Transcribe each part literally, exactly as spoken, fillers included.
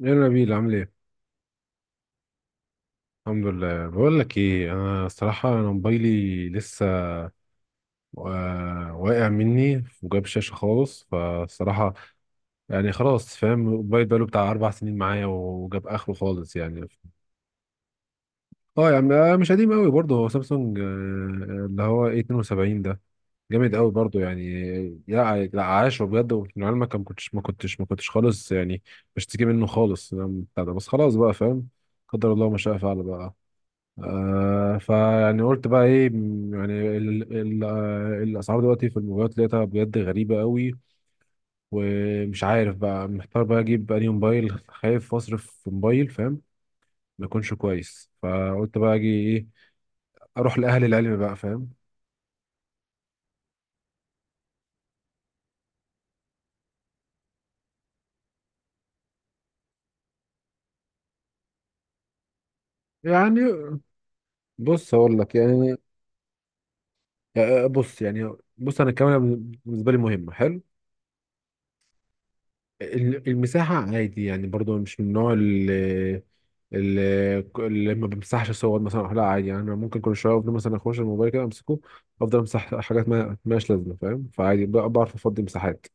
يا نبيل عامل ايه؟ الحمد لله، بقول لك ايه، انا الصراحه انا موبايلي لسه آه، واقع مني وجاب شاشه خالص فالصراحه. يعني خلاص فاهم، الموبايل بقاله بتاع اربع سنين معايا وجاب اخره خالص يعني. اه يعني آه، مش قديم قوي برضه، هو سامسونج آه، اللي هو ايه اتنين وسبعين ده. جامد قوي برضه يعني. لا لا، عاش بجد. ومن علمك ما كنتش ما كنتش ما كنتش خالص يعني بشتكي منه خالص بتاع ده، بس خلاص بقى فاهم. قدر الله ما شاء فعل بقى. آه فيعني قلت بقى ايه، م- يعني ال ال آه، الاسعار دلوقتي في الموبايلات لقيتها بجد غريبه قوي. ومش عارف بقى، محتار بقى اجيب انهي موبايل، خايف اصرف في موبايل فاهم ما يكونش كويس. فقلت بقى اجي ايه، اروح لاهل العلم بقى فاهم. يعني بص اقول لك يعني، آه، آه، بص يعني بص انا الكاميرا بالنسبه لي مهمه. حلو. ال- المساحة عادي يعني، برضو مش من النوع اللي اللي اللي ما بمسحش صور مثلا، لا عادي يعني. أنا ممكن كل شوية أفضل مثلا أخش الموبايل كده أمسكه، أفضل أمسح حاجات ما مالهاش لازمة فاهم. فعادي ب- بعرف أفضي مساحات.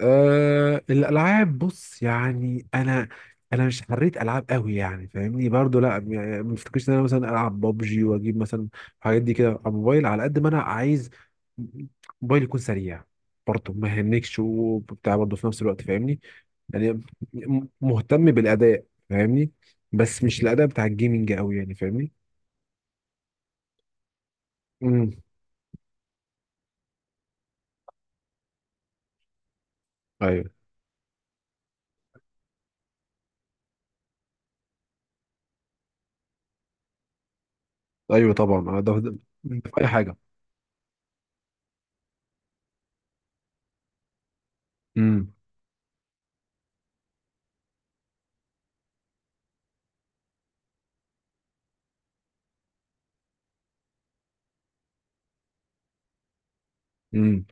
أه الألعاب، بص يعني أنا أنا مش حريت ألعاب قوي يعني فاهمني. برضو لا، يعني ما افتكرش إن أنا مثلا ألعب ببجي وأجيب مثلا الحاجات دي كده على الموبايل. على قد ما أنا عايز موبايل يكون سريع برضه ما يهنكش وبتاع، برضه في نفس الوقت فاهمني يعني. م- مهتم بالاداء فاهمني، بس مش الاداء بتاع الجيمنج قوي يعني فاهمني. امم. ايوه، ايوه طبعا آه، ده ده- ده في اي حاجه. امم. امم.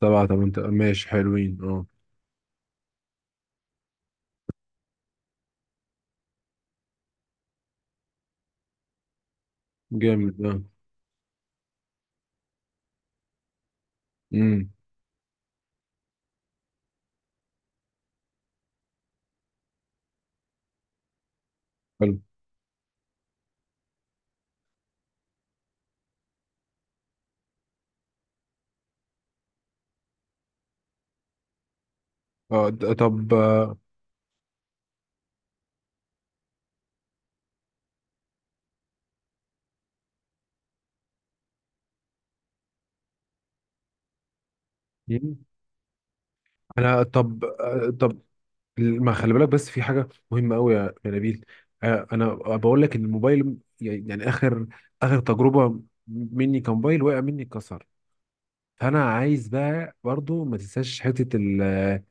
سبعه؟ طب انت ماشي، حلوين اه. جامد اه. امم. حلو اه. د- طب آه، مم. انا طب آه، طب ما خلي بالك، بس في حاجه مهمه قوي يا يا نبيل. آه، انا بقول لك ان الموبايل يعني يعني اخر اخر تجربه مني كموبايل وقع مني اتكسر. فانا عايز بقى برضو ما تنساش حته ال-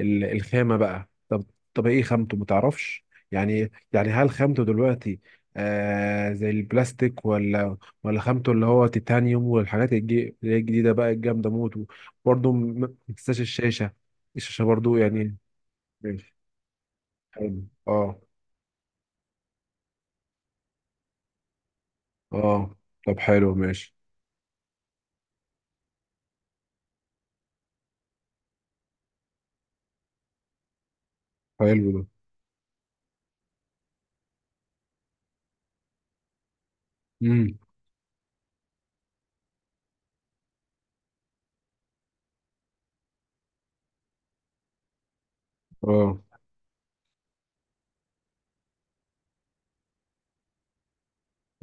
ال- الخامه بقى. طب طب ايه خامته ما تعرفش يعني؟ يعني هل خامته دلوقتي آه زي البلاستيك، ولا ولا خامته اللي هو تيتانيوم والحاجات الجي- اللي هي الجديده بقى الجامده موت. برضو ما ما تنساش الشاشه، الشاشه برضو يعني. ماشي. حلو اه. اه طب حلو ماشي. حلو ده. امم. اه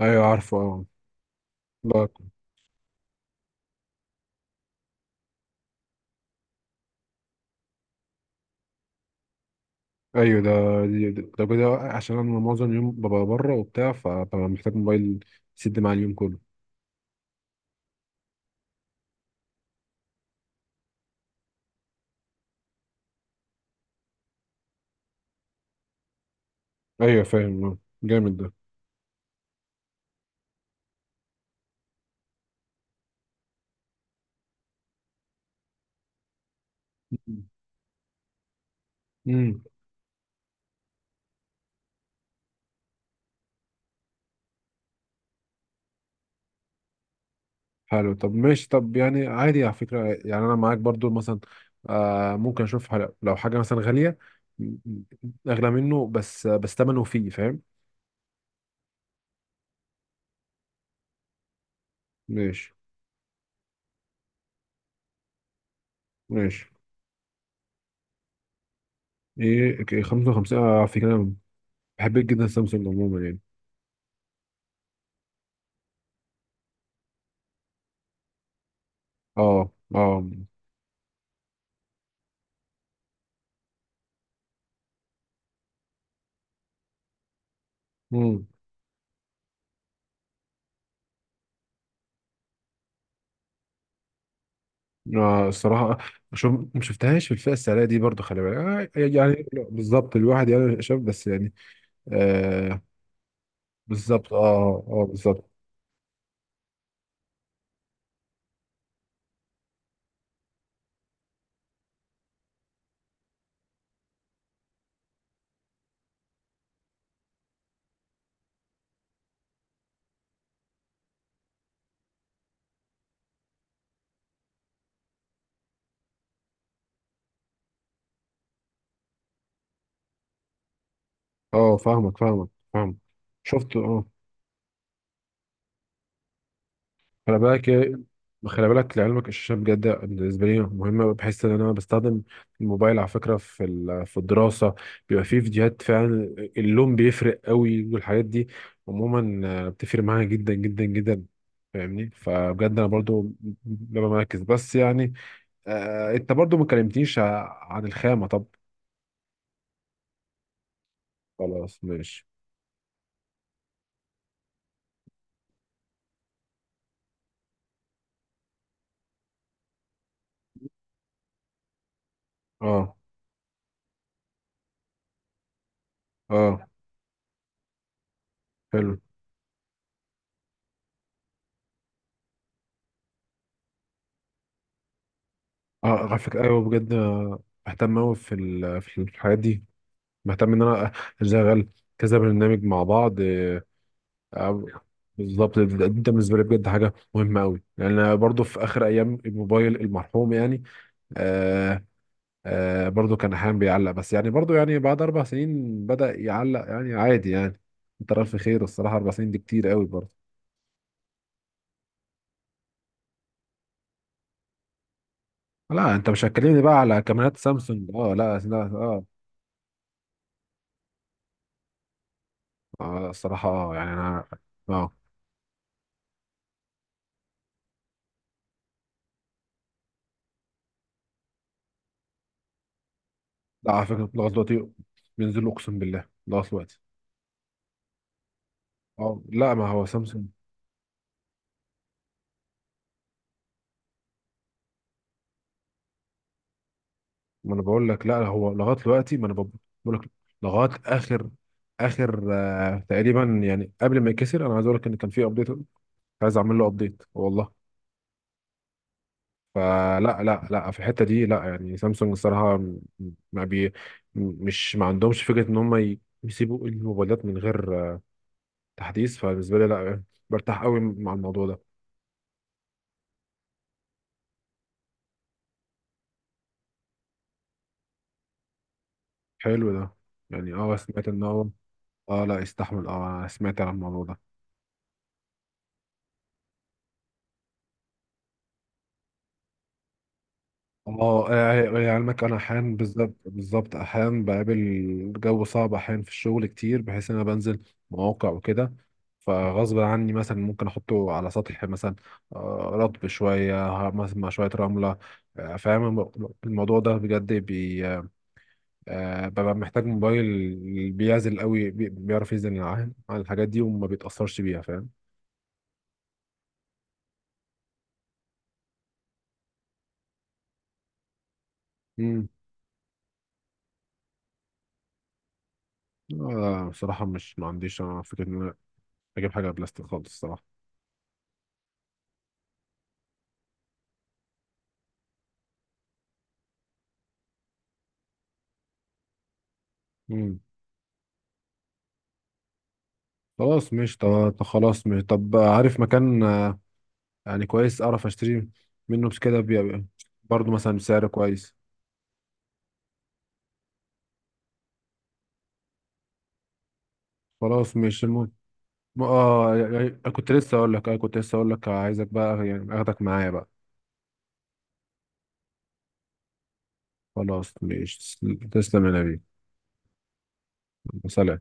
ايوه، عارفه اه. لا، ايوه ده. دي- ده كده عشان انا معظم اليوم ببقى بره وبتاع، فببقى محتاج موبايل يسد معايا اليوم كله. ايوه فاهم آه. جامد ده. مم. امم. حلو. طب ماشي. طب يعني عادي على فكره، يعني انا معاك برضو مثلا آه ممكن اشوف حل- لو حاجه مثلا غاليه م- م- اغلى منه، بس بس ثمنه فيه فاهم. ماشي. ماشي. ايه إيه، خمسه وخمسين آه، على فكره انا بحب جدا سامسونج عموما يعني. اه اه. امم. آه الصراحة شوف، ما شفتهاش في الفئة السعرية دي برضو. خلي بالك آه يعني بالظبط، الواحد يعني شاف بس يعني آه بالظبط. اه اه بالظبط. اه فاهمك، فاهمك، فاهمك. شفت اه. خلي بالك إيه، خلي بالك لعلمك، الشاشة بجد بالنسبة لي مهمة، بحس إن أنا بستخدم الموبايل على فكرة في ال- في الدراسة. بيبقى فيه فيديوهات فعلا، اللون بيفرق قوي والحاجات دي عموما آه، بتفرق معايا جدا جدا جدا فاهمني. فبجد أنا برضو ببقى مركز، بس يعني آه أنت برضو ما كلمتنيش ع- عن الخامة طب. خلاص ماشي. أه أه حلو. أه على فكرة أيوه بجد آه، بهتم أوي في ال- في الحاجات دي. مهتم ان انا اشغل كذا برنامج مع بعض آه، أو- بالظبط. ده ده بالنسبه لي بجد حاجه مهمه قوي، لان أنا برضو في اخر ايام الموبايل المرحوم يعني. آه آه برضو كان احيانا بيعلق، بس يعني برضو يعني بعد اربع سنين بدأ يعلق يعني عادي يعني. انت رأي في خير، الصراحه اربع سنين دي كتير قوي برضو. لا انت مش هتكلمني بقى على كاميرات سامسونج، اه لا لا اه, آه الصراحه اه يعني انا. اه لا، على فكره لغايه دلوقتي بينزلوا اقسم بالله لغايه دلوقتي. اه لا، ما هو سامسونج. ما انا بقول لك، لا هو لغايه دلوقتي، ما انا بقول لك لغايه اخر اخر آه تقريبا، يعني قبل ما يكسر انا عايز اقول لك ان كان في ابديت عايز اعمل له ابديت والله. فلا لا لا في الحته دي، لا يعني سامسونج الصراحه م- ما بي م- مش ما عندهمش فكره ان هم ي- يسيبوا الموبايلات من غير آه، تحديث. فبالنسبه لي لا، برتاح قوي مع الموضوع ده. حلو ده، يعني اه سمعت ان هو اه لا، يستحمل اه. أنا سمعت عن الموضوع ده. اه يعني علمك انا احيانا، بالظبط بالظبط احيانا بقابل جو صعب احيانا في الشغل كتير، بحيث ان انا بنزل مواقع وكده. فغصب عني مثلا ممكن احطه على سطح مثلا آه، رطب شويه ه- مثلا مع شويه رمله آه، فاهم الم- الموضوع ده بجد بي آه، ببقى محتاج موبايل بيعزل قوي بي- بيعرف يعزل عن عن الحاجات دي وما بيتاثرش بيها فاهم. امم. آه، بصراحه مش ما عنديش انا فكره ان انا اجيب حاجه بلاستيك خالص الصراحه. خلاص مش طب. طب خلاص مش طب، عارف مكان آه، يعني كويس اعرف اشتري منه بس كده بي- برضه مثلا بسعر كويس. خلاص مش المهم. اه يعني كنت لسه اقول لك آه، كنت لسه اقول لك، عايزك بقى يعني اخدك معايا بقى. خلاص مش. تسلم يا نبي. سلام.